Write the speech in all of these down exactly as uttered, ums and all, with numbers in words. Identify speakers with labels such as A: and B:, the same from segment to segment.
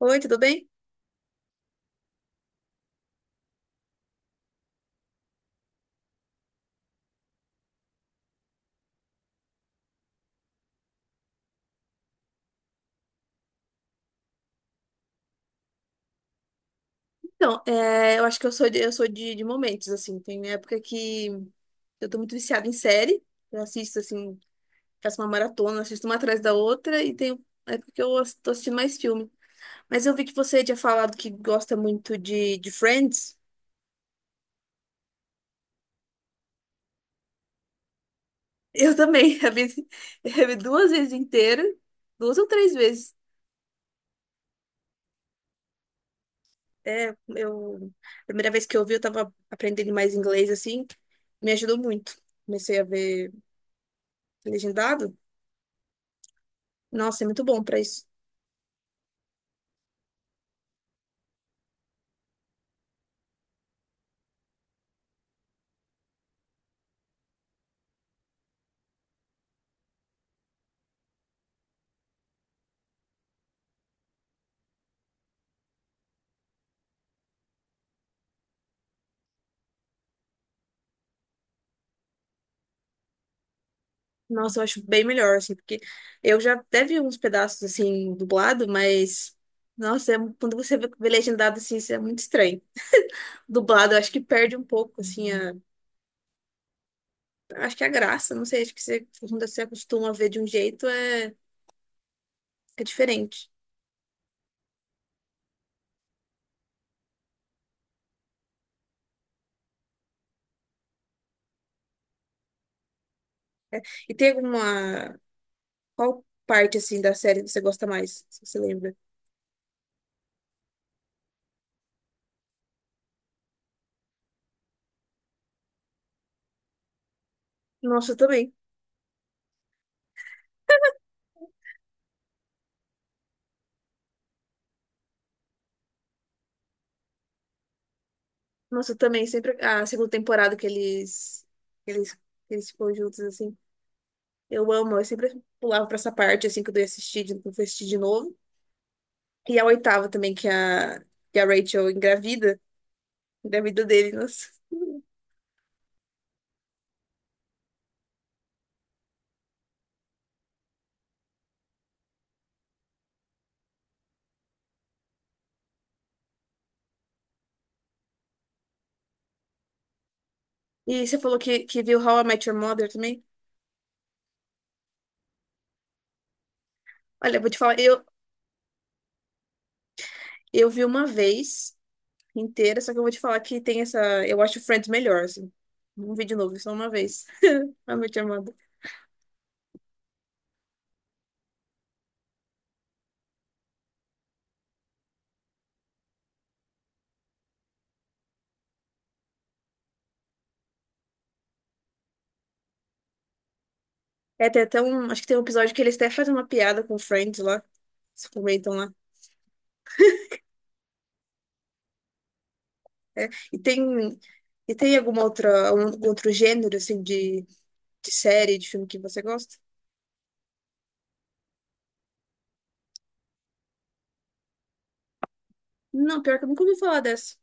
A: Oi, tudo bem? Então, é, eu acho que eu sou de, eu sou de, de momentos, assim. Tem época que eu tô muito viciada em série. Eu assisto, assim, faço uma maratona, assisto uma atrás da outra. E tem época que eu ass- tô assistindo mais filme. Mas eu vi que você tinha falado que gosta muito de, de Friends. Eu também. Eu vi, eu vi duas vezes inteira. Duas ou três vezes. É, eu... A primeira vez que eu vi, eu tava aprendendo mais inglês, assim. Me ajudou muito. Comecei a ver legendado. Nossa, é muito bom pra isso. Nossa, eu acho bem melhor, assim, porque eu já até vi uns pedaços, assim, dublado, mas, nossa, é- quando você vê vê legendado, assim, isso é muito estranho. Dublado, eu acho que perde um pouco, assim, a, acho que é a graça, não sei, acho que você, quando você acostuma a ver de um jeito, é, é diferente. E tem alguma, qual parte, assim, da série você gosta mais, se você lembra? Nossa, eu também. Nossa, eu também, sempre a segunda temporada que eles, que eles, que eles ficam juntos, assim. Eu amo, eu sempre pulava pra essa parte, assim, que eu ia assistir, de- que eu fui assistir de novo. E a oitava também, que a, que a Rachel engravida, engravida dele, nossa. E você falou que, que viu How I Met Your Mother também? Olha, eu vou te falar, eu, eu vi uma vez inteira, só que eu vou te falar que tem essa... Eu acho Friends melhor, assim. Não vi de novo, é só uma vez. How I Met Your Mother. É, tem até um... Acho que tem um episódio que eles até fazem uma piada com Friends lá. Se comentam lá. E tem... E tem alguma outra, algum outro gênero, assim, de de série, de filme que você gosta? Não, pior que eu nunca ouvi falar dessa.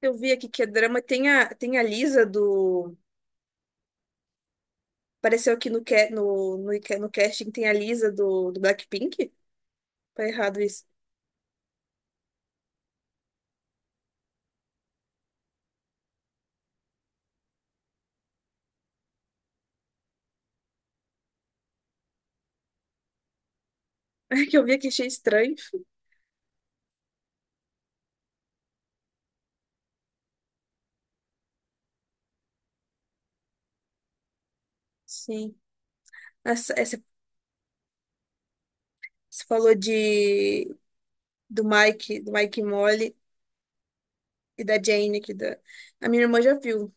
A: Eu vi aqui que é drama. Tem a, tem a Lisa do. Pareceu que no, ca- no, no, ica- no casting tem a Lisa do, do Blackpink? Tá errado isso. É que eu vi aqui, achei estranho. Sim. Essa, essa, você falou de, do Mike, do Mike e Molly e da Jane aqui. Da... A minha irmã já viu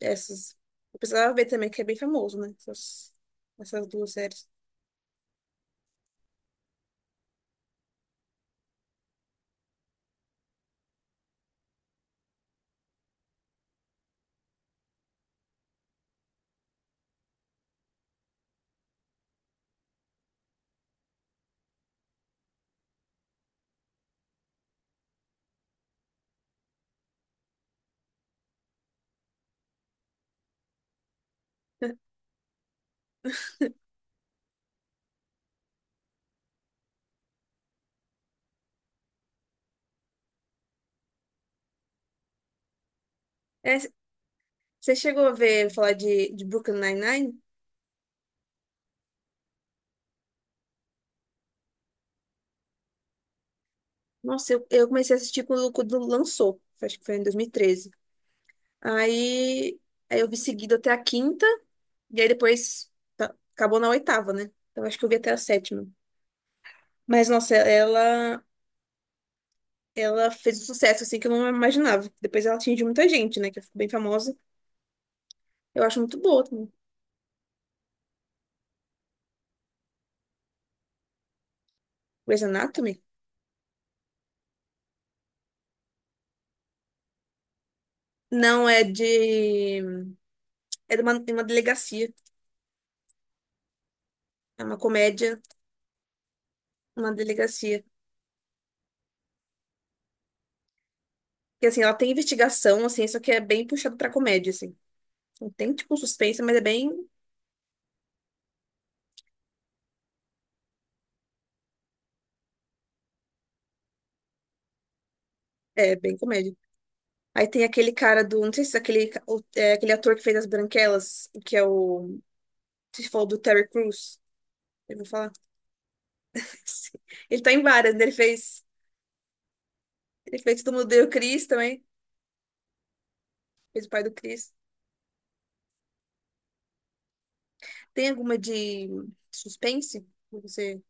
A: essas. Eu precisava ver também, que é bem famoso, né? Essas, essas duas séries. É, você chegou a ver falar de, de Brooklyn Nine-Nine? Nossa, eu, eu comecei a assistir quando, quando lançou. Acho que foi em dois mil e treze. Aí, aí eu vi seguido até a quinta, e aí depois tá- acabou na oitava, né? Então acho que eu vi até a sétima. Mas, nossa, ela, ela fez um sucesso assim que eu não imaginava. Depois ela atingiu muita gente, né? Que ficou bem famosa. Eu acho muito boa também. Grey's Anatomy? Não, é de. É de uma, de uma delegacia. É uma comédia, uma delegacia. Que assim, ela tem investigação, assim, só que é bem puxado pra comédia, assim. Não tem, tipo, um suspense, mas é bem. É, bem comédia. Aí tem aquele cara do. Não sei se é aquele, ca- o- é aquele ator que fez As Branquelas, que é o. Você falou do Terry Crews. Eu vou falar. Ele tá em várias, né? Ele fez. Ele fez Todo Mundo Odeia o Chris também. Fez o pai do Chris. Tem alguma de suspense? Que Você...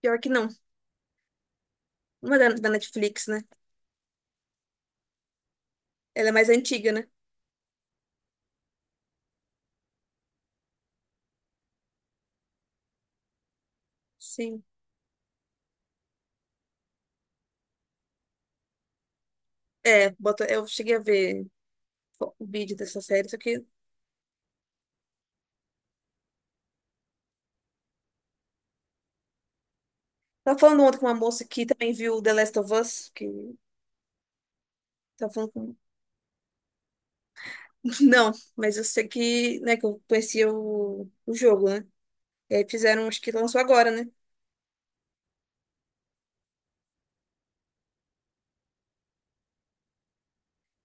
A: Pior que não. Uma da, da Netflix, né? Ela é mais antiga, né? Sim. É, bota... eu cheguei a ver o vídeo dessa série, só que. Tava falando ontem com uma moça que também viu The Last of Us, que tava falando com Não, mas eu sei que, né, que eu conhecia o, o jogo, né? E aí fizeram, acho que lançou agora, né?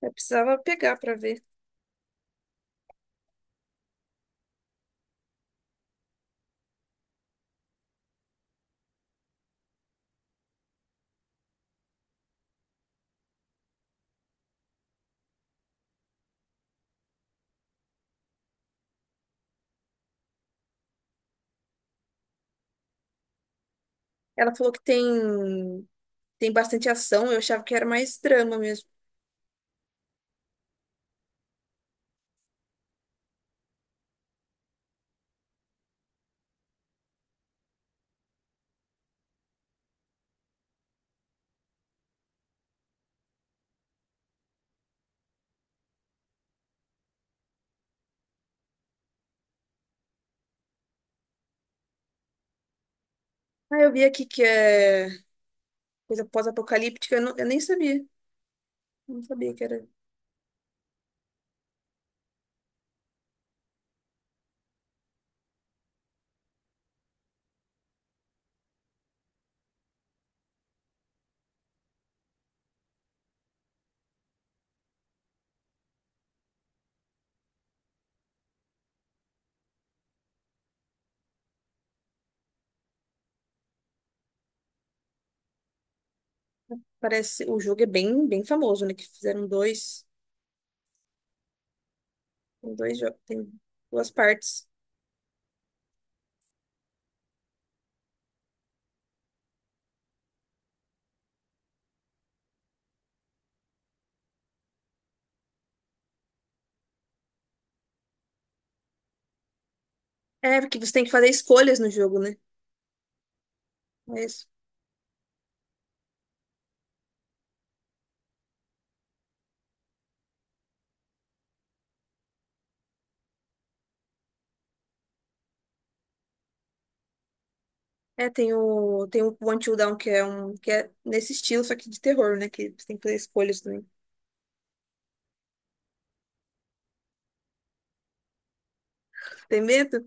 A: Eu precisava pegar pra ver. Ela falou que tem, tem bastante ação, eu achava que era mais drama mesmo. Ah, eu vi aqui que é coisa pós-apocalíptica, eu, não- eu nem sabia. Não sabia que era. Parece, o jogo é bem, bem famoso, né? Que fizeram dois, tem dois jogos, tem duas partes. É, porque você tem que fazer escolhas no jogo, né? Mas É, tem o, tem o One Till Down, que é um que é nesse estilo, só que de terror, né? Que você tem que fazer escolhas também. Tem medo?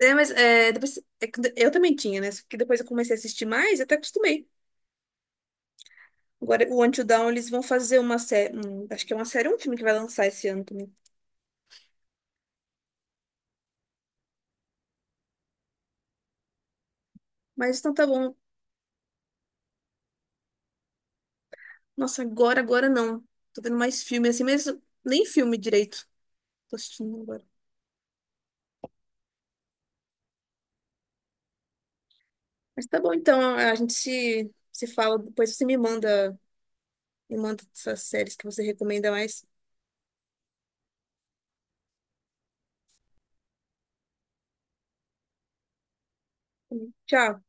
A: É, mas é, depois, é que eu também tinha, né? Só que depois eu comecei a assistir mais, até acostumei. Agora, o One Till eles vão fazer uma série. Um, acho que é uma série, um filme que vai lançar esse ano também. Mas então tá bom. Nossa, agora, agora não. Tô vendo mais filme assim, mas nem filme direito. Tô assistindo agora. Mas tá bom, então a gente se, se fala, depois você me manda, me manda essas séries que você recomenda mais. Tchau.